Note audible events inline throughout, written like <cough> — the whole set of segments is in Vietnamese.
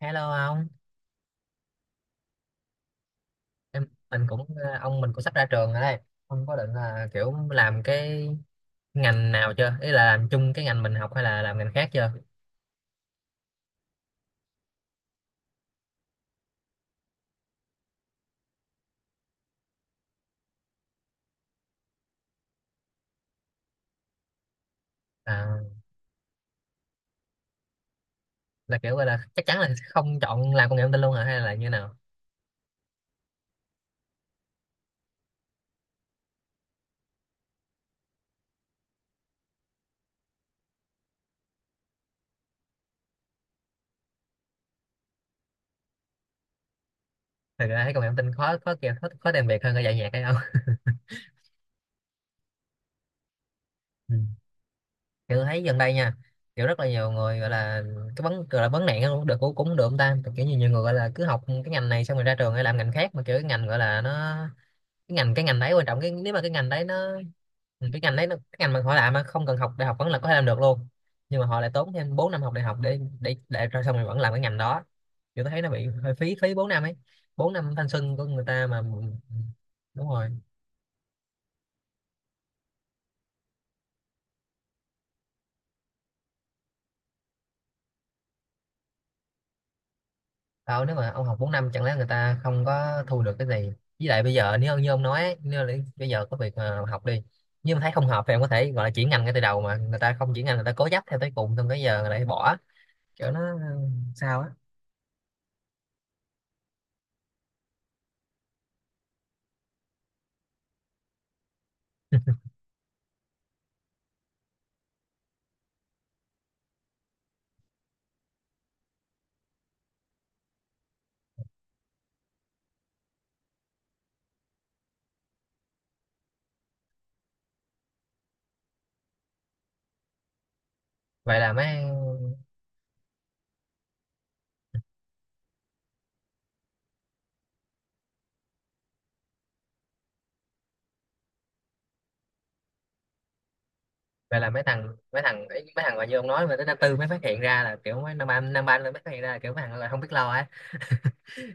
Hello ông. em mình cũng ông mình cũng sắp ra trường rồi đây. Ông có định là kiểu làm cái ngành nào chưa? Ý là làm chung cái ngành mình học hay là làm ngành khác chưa? À, là kiểu gọi là chắc chắn là không chọn làm công nghệ thông tin luôn hả, hay là như nào? Thật ra thấy công nghệ thông tin khó khó kìa, khó tìm việc hơn cả dạy nhạc hay không? <laughs> Ừ. Kiểu thấy gần đây nha, kiểu rất là nhiều người gọi là vấn nạn cũng được, cũng cũng được ông ta, kiểu như nhiều người gọi là cứ học cái ngành này xong rồi ra trường hay làm ngành khác, mà kiểu cái ngành gọi là nó, cái ngành đấy quan trọng, cái nếu mà cái ngành đấy nó… Ừ, cái ngành đấy nó, cái ngành mà họ làm mà không cần học đại học vẫn là có thể làm được luôn, nhưng mà họ lại tốn thêm 4 năm học đại học để rồi xong rồi vẫn làm cái ngành đó. Kiểu tôi thấy nó bị hơi phí phí 4 năm ấy, 4 năm thanh xuân của người ta mà. Ừ, đúng rồi. Tao nếu mà ông học 4 năm, chẳng lẽ người ta không có thu được cái gì. Với lại bây giờ nếu như ông nói ấy, nếu là bây giờ có việc mà học đi, nhưng mà thấy không hợp thì em có thể gọi là chuyển ngành ngay từ đầu, mà người ta không chuyển ngành, người ta cố chấp theo tới cùng, xong cái giờ lại bỏ. Kiểu nó sao á. vậy là mấy vậy là mấy thằng, mấy thằng mà như ông nói mà tới năm tư mới phát hiện ra là kiểu mấy, năm ba mới phát hiện ra là kiểu mấy thằng là không biết lo ấy.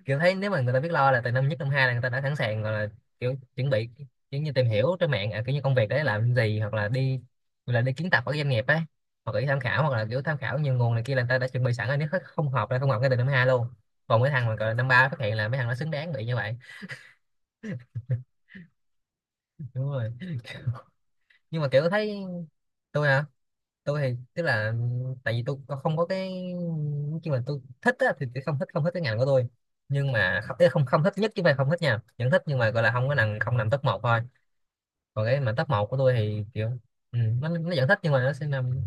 Kiểu thấy nếu mà người ta biết lo là từ năm nhất năm hai là người ta đã sẵn sàng gọi là kiểu chuẩn bị, kiểu như tìm hiểu trên mạng à, kiểu như công việc đấy làm gì, hoặc là đi kiến tập ở doanh nghiệp ấy, hoặc là đi tham khảo, hoặc là kiểu tham khảo nhiều nguồn này kia, là người ta đã chuẩn bị sẵn rồi, nếu hết không hợp là không hợp ngay từ năm hai luôn. Còn mấy thằng mà gọi là năm ba phát hiện là mấy thằng nó xứng đáng bị như vậy. Đúng rồi. <laughs> Nhưng mà kiểu thấy… Tôi hả? Tôi thì tức là, tại vì tôi không có cái, nhưng mà tôi thích á, thì tôi không thích, cái ngành của tôi, nhưng mà không, ý là không, không thích nhất chứ không phải không thích nha, vẫn thích, nhưng mà gọi là không có nằm, không nằm top một thôi. Còn cái mà top một của tôi thì kiểu, ừ, nó vẫn thích nhưng mà nó sẽ nằm…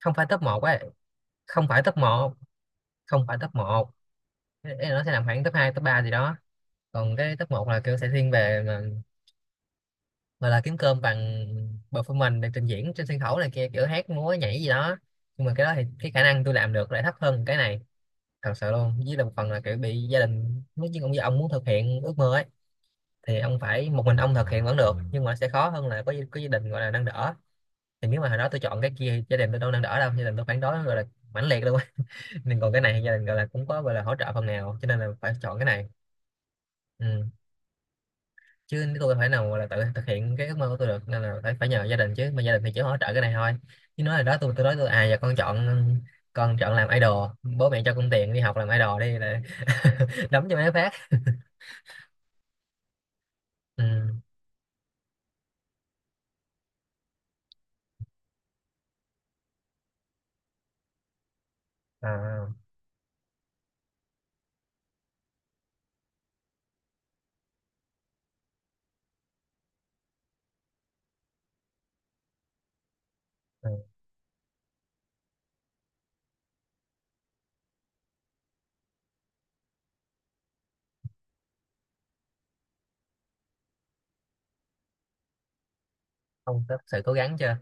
Không phải top một ấy, không phải top một, không phải top một nó sẽ nằm khoảng top 2 top 3 gì đó. Còn cái top một là kiểu sẽ thiên về mà gọi là kiếm cơm bằng performance, để trình diễn trên sân khấu này kia, kiểu hát múa nhảy gì đó. Nhưng mà cái đó thì cái khả năng tôi làm được lại thấp hơn cái này, thật sự luôn. Với lại một phần là kiểu bị gia đình nói chứ, ông muốn thực hiện ước mơ ấy thì ông phải một mình ông thực hiện vẫn được, nhưng mà sẽ khó hơn là có gia đình gọi là nâng đỡ. Thì nếu mà hồi đó tôi chọn cái kia thì gia đình tôi đâu nâng đỡ đâu, gia đình tôi phản đối gọi là mãnh liệt luôn. <laughs> Nên còn cái này thì gia đình gọi là cũng có gọi là hỗ trợ phần nào, cho nên là phải chọn cái này. Ừ. Chứ nếu tôi phải nào gọi là tự thực hiện cái ước mơ của tôi được, nên là phải phải nhờ gia đình, chứ mà gia đình thì chỉ hỗ trợ cái này thôi. Chứ nói là đó, tôi nói tôi à, giờ con chọn làm idol, bố mẹ cho con tiền đi học làm idol đi là… <laughs> đấm cho mấy phát. Ừ. À. Ừ, ông có thật sự cố gắng chưa,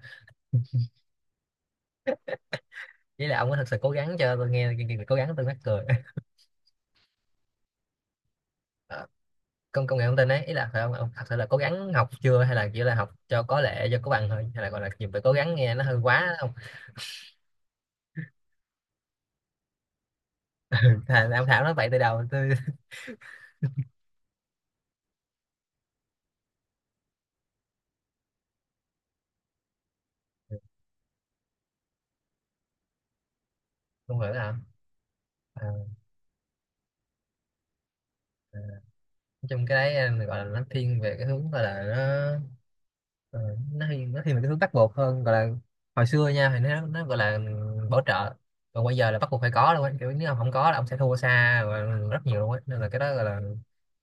ý là ông có thật sự cố gắng chưa, tôi nghe chương trình cố gắng tôi mắc cười. Ờ, công công nghệ thông tin ấy, ý là phải ông, thật sự là cố gắng học chưa, hay là chỉ là học cho có lệ, cho có bằng thôi, hay là gọi là dùng từ cố gắng nghe nó hơi quá ông. <laughs> Thà là ông Thảo nói vậy từ đầu tôi không hiểu nào. Ờ, ờ, nói chung cái đấy gọi là nó thiên về cái hướng gọi là nó… Ờ, nó thì mình cái thứ bắt buộc hơn, gọi là hồi xưa nha thì nó gọi là bảo trợ, còn bây giờ là bắt buộc phải có luôn á, kiểu nếu ông không có là ông sẽ thua xa và rất nhiều luôn á. Nên là cái đó gọi là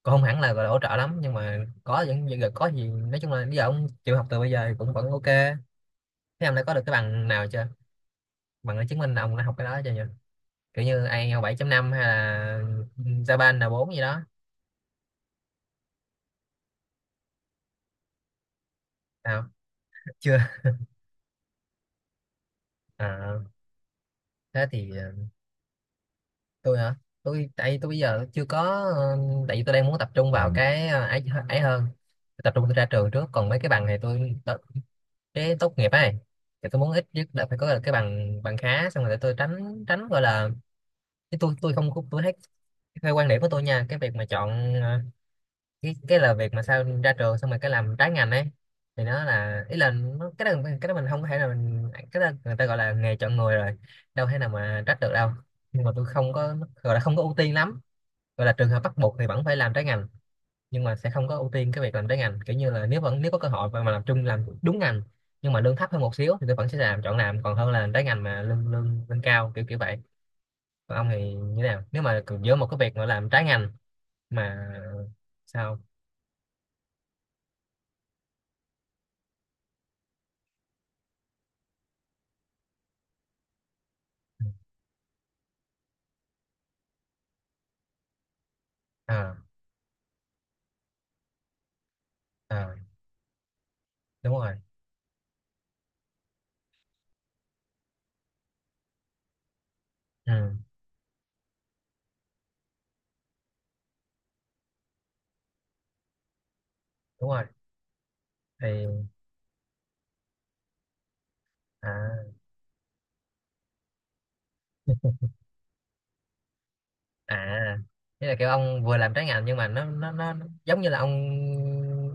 cũng không hẳn là gọi là hỗ trợ lắm, nhưng mà có vẫn có gì, nói chung là bây giờ ông chịu học từ bây giờ thì cũng vẫn ok. Thế ông đã có được cái bằng nào chưa, bằng để chứng minh là ông đã học cái đó chưa nhỉ? Kiểu như ai eo bảy chấm năm, hay là Japan là bốn gì đó? Sao? Chưa? À, thế thì… Tôi hả? Tôi bây giờ chưa có, ờ, tại vì tôi đang muốn tập trung vào cái ấy ấy hơn, tập trung tôi ra trường trước, còn mấy cái bằng này tôi tập… Cái tốt nghiệp ấy, thì tôi muốn ít nhất là phải có cái bằng, bằng khá xong rồi để tôi tránh, gọi là… Cái tôi không có- tôi thấy, theo quan điểm của tôi nha, cái việc mà chọn cái là việc mà sao ra trường xong rồi cái làm trái ngành ấy, thì nó là, ý là nó, cái đó, mình không có thể là mình, cái đó người ta gọi là nghề chọn người rồi, đâu thể nào mà trách được đâu. Nhưng mà tôi không có gọi là không có ưu tiên lắm, gọi là trường hợp bắt buộc thì vẫn phải làm trái ngành, nhưng mà sẽ không có ưu tiên cái việc làm trái ngành. Kiểu như là nếu vẫn, nếu có cơ hội mà làm chung, làm đúng ngành nhưng mà lương thấp hơn một xíu, thì tôi vẫn sẽ làm, chọn làm, còn hơn là làm trái ngành mà lương lương lương cao, kiểu kiểu vậy. Còn ông thì như thế nào nếu mà cứ giữa một cái việc mà làm trái ngành mà… Sao? À, à đúng rồi. Ừ, đúng rồi. Thì… À, à, thế là kiểu ông vừa làm trái ngành nhưng mà nó giống như là ông,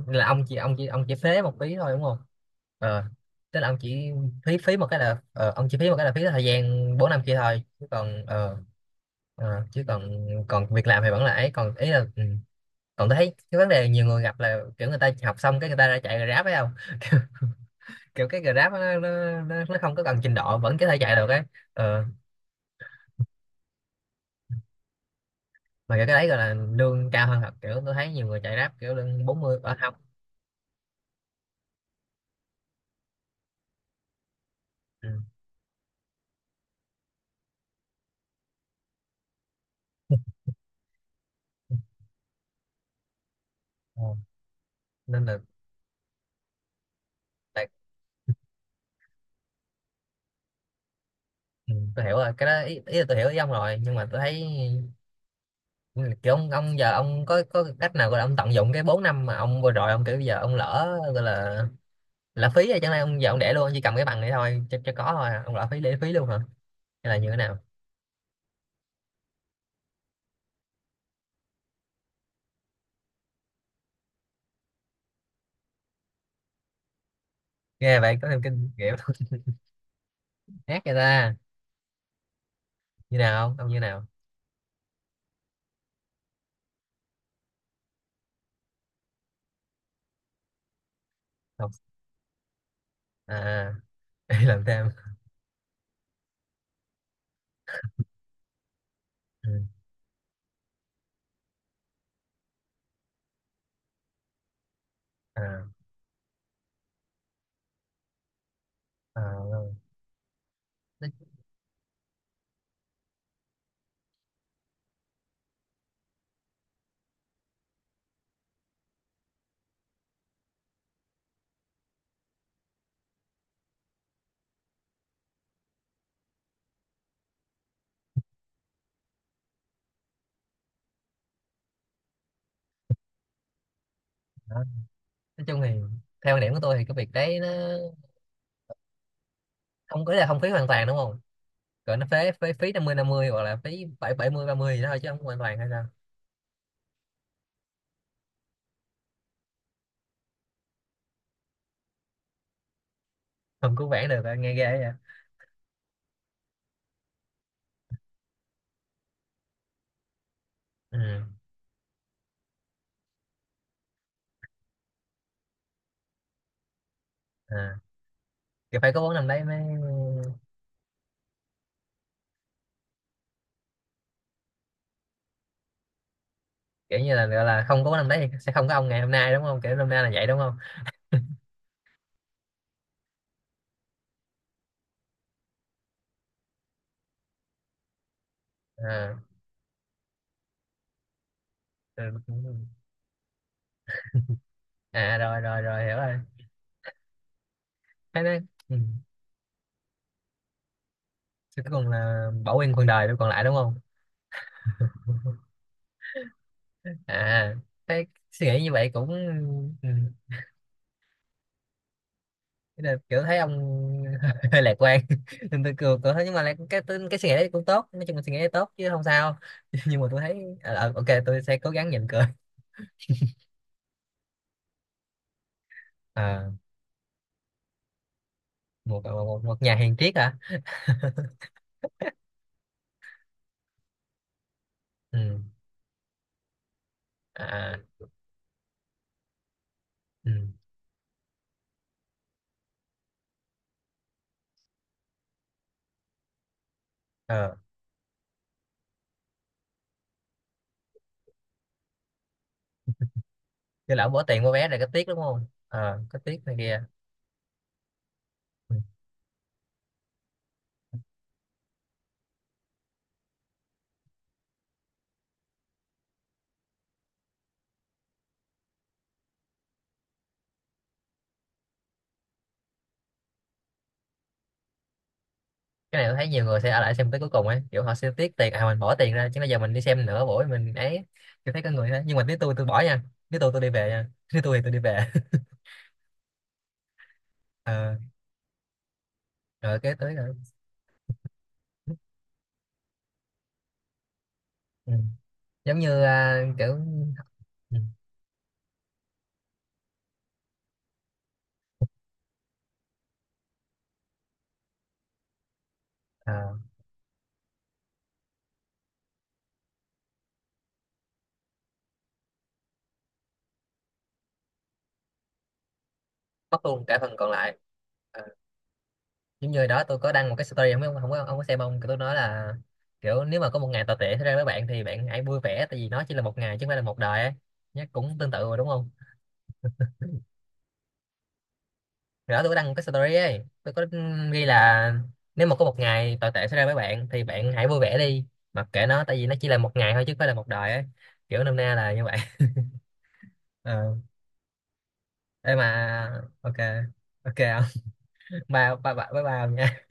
là ông chỉ phế một phí thôi đúng không? Ờ. Tức là ông chỉ phí, một cái là ông chỉ phí một cái là phí thời gian 4 năm kia thôi, chứ còn chứ còn còn việc làm thì vẫn là ấy, còn ý là ừ. Còn tôi thấy cái vấn đề nhiều người gặp là kiểu người ta học xong cái người ta ra chạy Grab phải không? Kiểu cái Grab á, nó không có cần trình độ vẫn có thể chạy được ấy. Ờ, mà kiểu cái đấy gọi là lương cao hơn thật, kiểu tôi thấy nhiều người chạy Grab kiểu lương 40 ở không. Ừ. Ờ, nên là tại, ừ, tôi hiểu rồi cái đó, ý, ý là tôi hiểu ý ông rồi, nhưng mà tôi thấy, ừ, kiểu ông, giờ ông có cách nào gọi là ông tận dụng cái 4 năm mà ông vừa rồi ông, kiểu bây giờ ông lỡ gọi là lãng phí rồi, chẳng lẽ ông giờ ông để luôn, ông chỉ cầm cái bằng này thôi cho có thôi à? Ông lãng phí để phí luôn hả, hay là như thế nào? Nghe vậy có thêm kinh nghiệm. <laughs> Khác vậy ta, như nào không ông, như nào? Học à? <laughs> Đi làm thêm. Ừ. À, à, nói, nói chung thì theo quan điểm của tôi thì cái việc đấy nó không có là không phí hoàn toàn đúng không? Còn nó phế, phế phí năm mươi năm mươi, hoặc là phí bảy, bảy mươi ba mươi gì đó thôi chứ không hoàn toàn hay sao? Không cứu vãn được à, nghe ghê vậy. Ừ. À. Kiểu phải có vốn năm đấy mới, kiểu như là gọi là không có vốn năm đấy thì sẽ không có ông ngày hôm nay đúng không? Kiểu năm nay là vậy đúng không? À, ừ, à rồi rồi rồi hiểu rồi. Thế nó… ừ. Thế cuối cùng là bảo nguyên phần đời luôn còn lại đúng không? <laughs> À, thế suy nghĩ như vậy cũng… Ừ. Thế là kiểu thấy ông <laughs> hơi lạc quan, <laughs> nên tôi cười, tôi thấy nhưng mà lại cái suy nghĩ đấy cũng tốt, nói chung là suy nghĩ đấy tốt chứ không sao. <laughs> Nhưng mà tôi thấy ok, tôi sẽ cố gắng nhịn cười. À, một, một nhà hàng triết hả? Ừ. À. Ừ. Ờ. Cái lão bỏ tiền mua vé này có tiếc đúng không, ờ có tiếc này kia. Ừ. Cái này tôi thấy nhiều người sẽ ở lại xem tới cuối cùng ấy, kiểu họ sẽ tiếc tiền, à mình bỏ tiền ra chứ, bây giờ mình đi xem nữa buổi mình ấy. Tôi thấy có người thế, nhưng mà nếu tôi, bỏ nha, nếu tôi đi về nha, nếu tôi thì tôi đi về. <laughs> Ờ, rồi kế tới rồi. Ừ. Giống như à, kiểu… Ừ. À, mất luôn cả phần còn lại. À, giống như đó tôi có đăng một cái story, không biết ông, không có ông có xem không. Kiểu tôi nói là kiểu nếu mà có một ngày tồi tệ xảy ra với bạn thì bạn hãy vui vẻ, tại vì nó chỉ là một ngày chứ không phải là một đời ấy. Nhá, cũng tương tự mà đúng không? Rồi đó tôi có đăng một cái story ấy, tôi có ghi là nếu mà có một ngày tồi tệ xảy ra với bạn thì bạn hãy vui vẻ đi, mặc kệ nó, tại vì nó chỉ là một ngày thôi chứ không phải là một đời ấy, kiểu nôm na là như vậy. Ờ. Ê mà, ok, ok không. <laughs> Ba ba ba ba ba.